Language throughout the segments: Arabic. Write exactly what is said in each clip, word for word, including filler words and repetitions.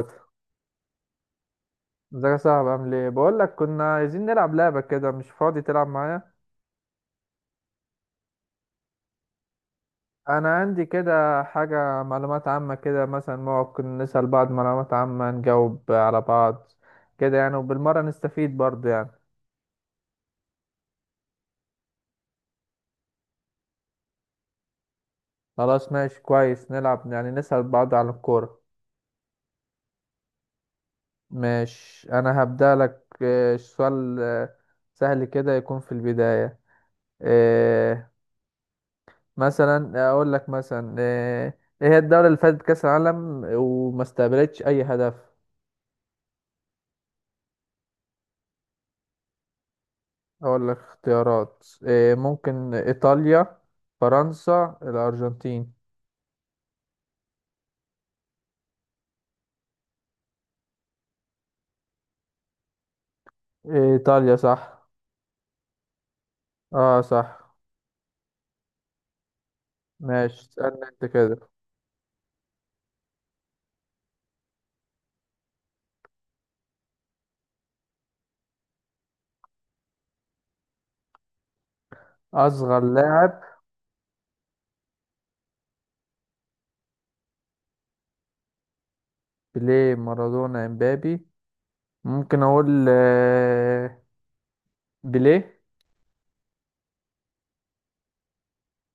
ازيك يا صاحبي، عامل ايه؟ بقول لك كنا عايزين نلعب لعبه كده. مش فاضي تلعب معايا؟ انا عندي كده حاجه، معلومات عامه كده، مثلا ممكن نسال بعض معلومات عامه، نجاوب على بعض كده يعني، وبالمره نستفيد برضه يعني. خلاص ماشي كويس، نلعب يعني نسال بعض عن الكوره. مش انا هبدا لك، آه، سؤال آه، سهل كده يكون في البدايه. آه، مثلا اقول لك، مثلا آه، ايه هي الدوله اللي فازت كاس العالم وما استقبلتش اي هدف؟ أقول لك اختيارات إيه؟ ممكن إيطاليا، فرنسا، الأرجنتين. إيه، إيطاليا صح. اه صح. ماشي اسألني أنت كده. أصغر لاعب، بيليه، مارادونا، إمبابي. ممكن أقول آه، بيليه.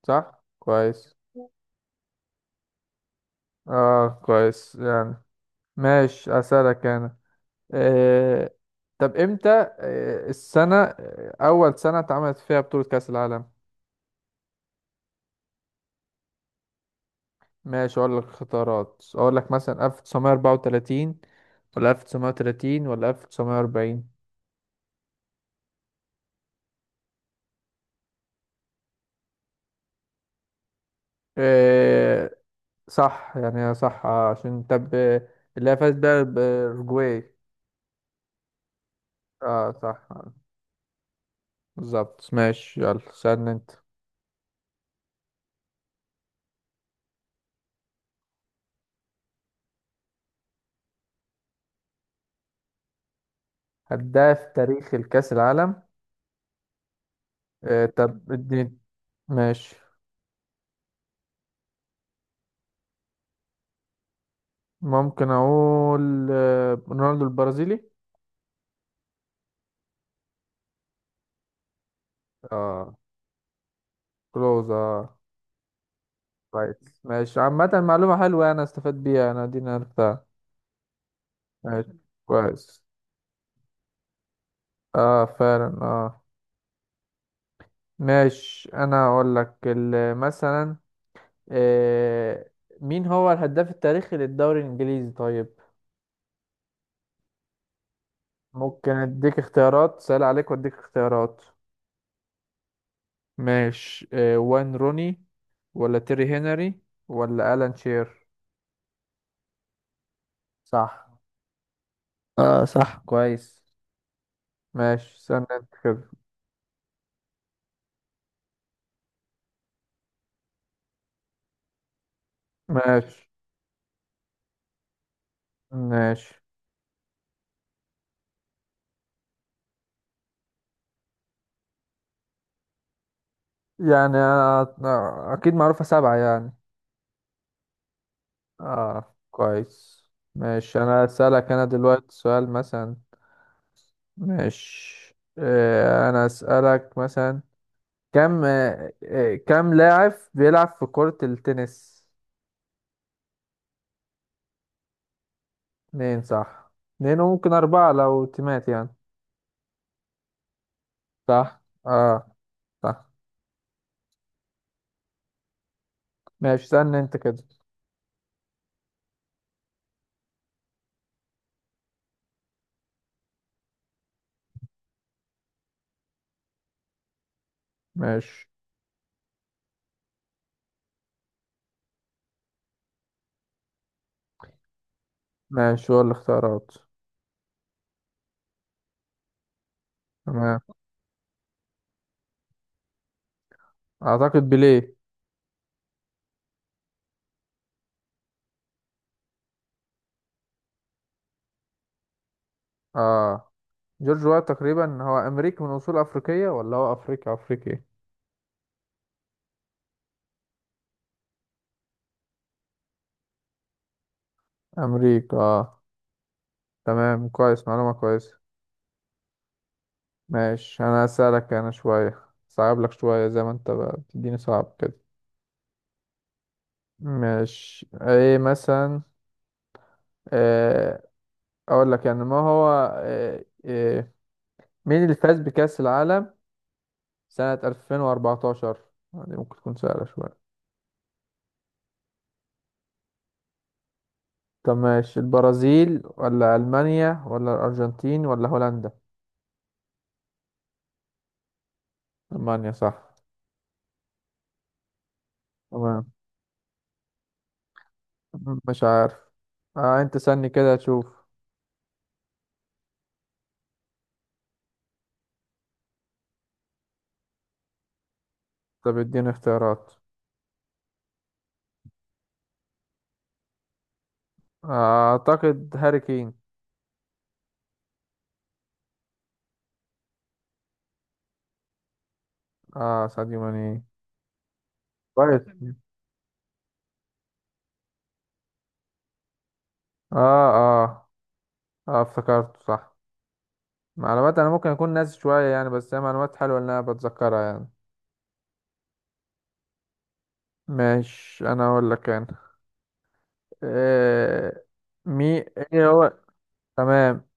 صح كويس. اه كويس يعني. ماشي أسألك أنا. آه، طب إمتى، آه، السنة، آه، أول سنة اتعملت فيها بطولة كأس العالم؟ ماشي اقول لك اختيارات، اقول لك مثلا ألف وتسعمية واربعة وتلاتين ولا ألف وتسعمية وتلاتين ولا ألف وتسعمية واربعين. إيه صح يعني، هي صح، آه، عشان طب آه، اللي هي فاز بيها بأورجواي. اه صح، آه، بالظبط. ماشي يلا سألني انت. هداف تاريخ الكأس العالم، إيه طب اديني. ماشي، ممكن اقول آه، رونالدو البرازيلي. اه كلوز اه كويس. ماشي عامة معلومة حلوة يعني، انا استفدت بيها، انا دي عرفتها. ماشي كويس. اه فعلا اه. ماشي انا اقول لك ال- مثلا، آه مين هو الهداف التاريخي للدوري الانجليزي طيب؟ ممكن اديك اختيارات سهل عليك، واديك اختيارات. ماشي، آه وين روني ولا تيري هنري ولا الان شير. صح. اه صح كويس. ماشي استنى انت كده. ماشي ماشي. يعني أنا أنا اكيد معروفة سبعة يعني. اه كويس. ماشي انا اسالك انا دلوقتي سؤال مثلا. ماشي، آه، انا اسالك مثلا، كم آه، آه، كم لاعب بيلعب في كرة التنس؟ اتنين صح. اتنين، وممكن اربعة لو تيمات يعني. صح. اه صح. ماشي استنى انت كده. ماشي ماشي هو الاختيارات. تمام، اعتقد بيليه. اه جورج وات تقريبا، هو امريكي من اصول افريقية ولا هو افريقي افريقي؟ امريكا آه. تمام كويس، معلومة كويسة. ماشي أنا هسألك أنا شوية صعب، لك شوية زي ما أنت بقى بتديني صعب كده. ماشي إيه مثلا، إيه، أقول لك يعني ما هو، إيه إيه، مين اللي فاز بكأس العالم سنة ألفين واربعتاشر؟ دي ممكن تكون سهلة شوية. طب ماشي، البرازيل ولا ألمانيا ولا الأرجنتين ولا هولندا. ألمانيا صح. تمام. مش عارف. آه أنت سألني كده تشوف. طب اديني اختيارات، اعتقد هاري كين. اه ساديو ماني. كويس. اه اه اه افتكرته صح. معلومات انا ممكن اكون ناسي شوية يعني، بس هي معلومات حلوة ان انا بتذكرها يعني. ماشي انا اقول لك انا، آه مي ايه هو، تمام.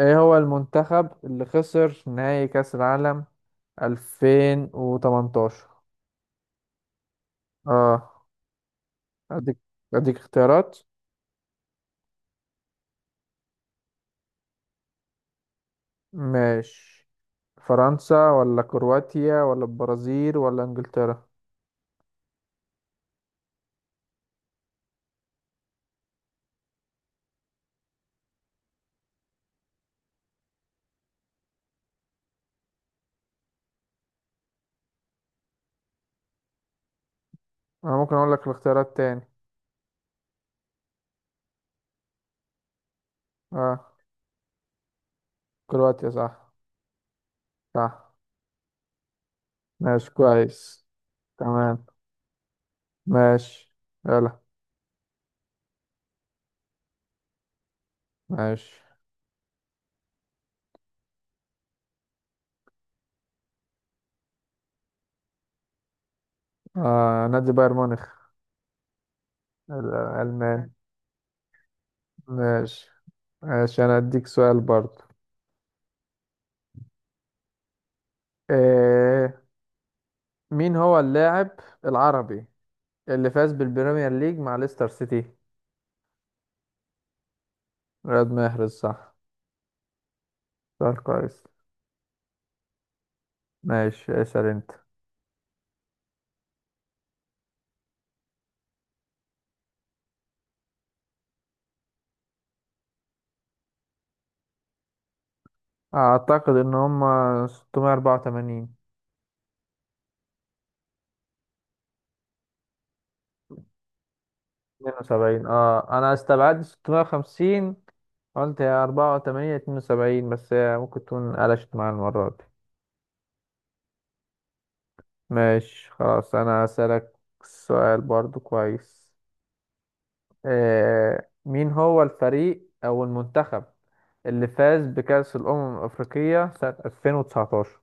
ايه هو المنتخب اللي خسر نهائي كأس العالم ألفين وتمنتاشر؟ اه اديك اديك اختيارات. ماشي، فرنسا ولا كرواتيا ولا البرازيل ولا انجلترا. انا ممكن اقول لك الاختيارات تاني. اه كرواتيا صح. صح. ماشي كويس تمام. ماشي يلا. ماشي، آه نادي بايرن ميونخ. الالمان. ماشي ماشي، انا اديك سؤال برضو، آه مين هو اللاعب العربي اللي فاز بالبريمير ليج مع ليستر سيتي؟ رياض محرز صح. سؤال كويس. ماشي اسأل انت. اعتقد ان هم ستمية واربعة وتمانين، اتنين وسبعين. اه انا استبعدت ستمية وخمسين، قلت يا اربعة تمانية اتنين وسبعين، بس هي ممكن تكون قلشت معايا المرة دي. ماشي خلاص انا هسألك سؤال برضو كويس، آه مين هو الفريق او المنتخب اللي فاز بكأس الأمم الأفريقية سنة ألفين وتسعتاشر؟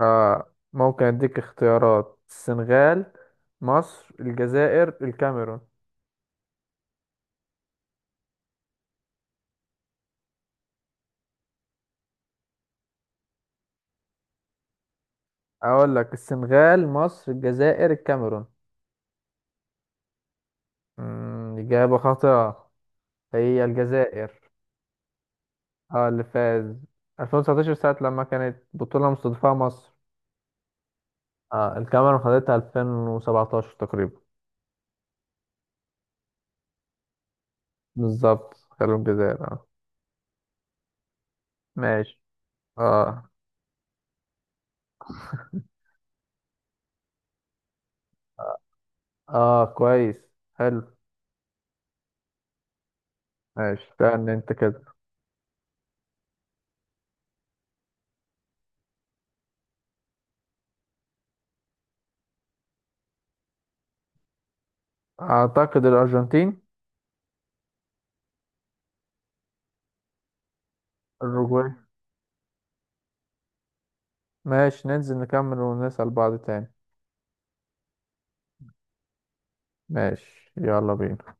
آه ممكن أديك اختيارات، السنغال، مصر، الجزائر، الكاميرون. أقول لك السنغال، مصر، الجزائر، الكاميرون. مم، إجابة خاطئة، هي الجزائر. اه اللي فاز ألفين وتسعتاشر، ساعة لما كانت بطولة مستضيفة مصر. اه الكاميرون خدتها ألفين وسبعتاشر تقريبا. بالظبط، خلوا الجزائر اه. ماشي اه اه كويس حلو. ماشي كان انت كده. اعتقد الارجنتين. الأوروغواي. ماشي ننزل نكمل ونسأل بعض تاني. ماشي يلا بينا.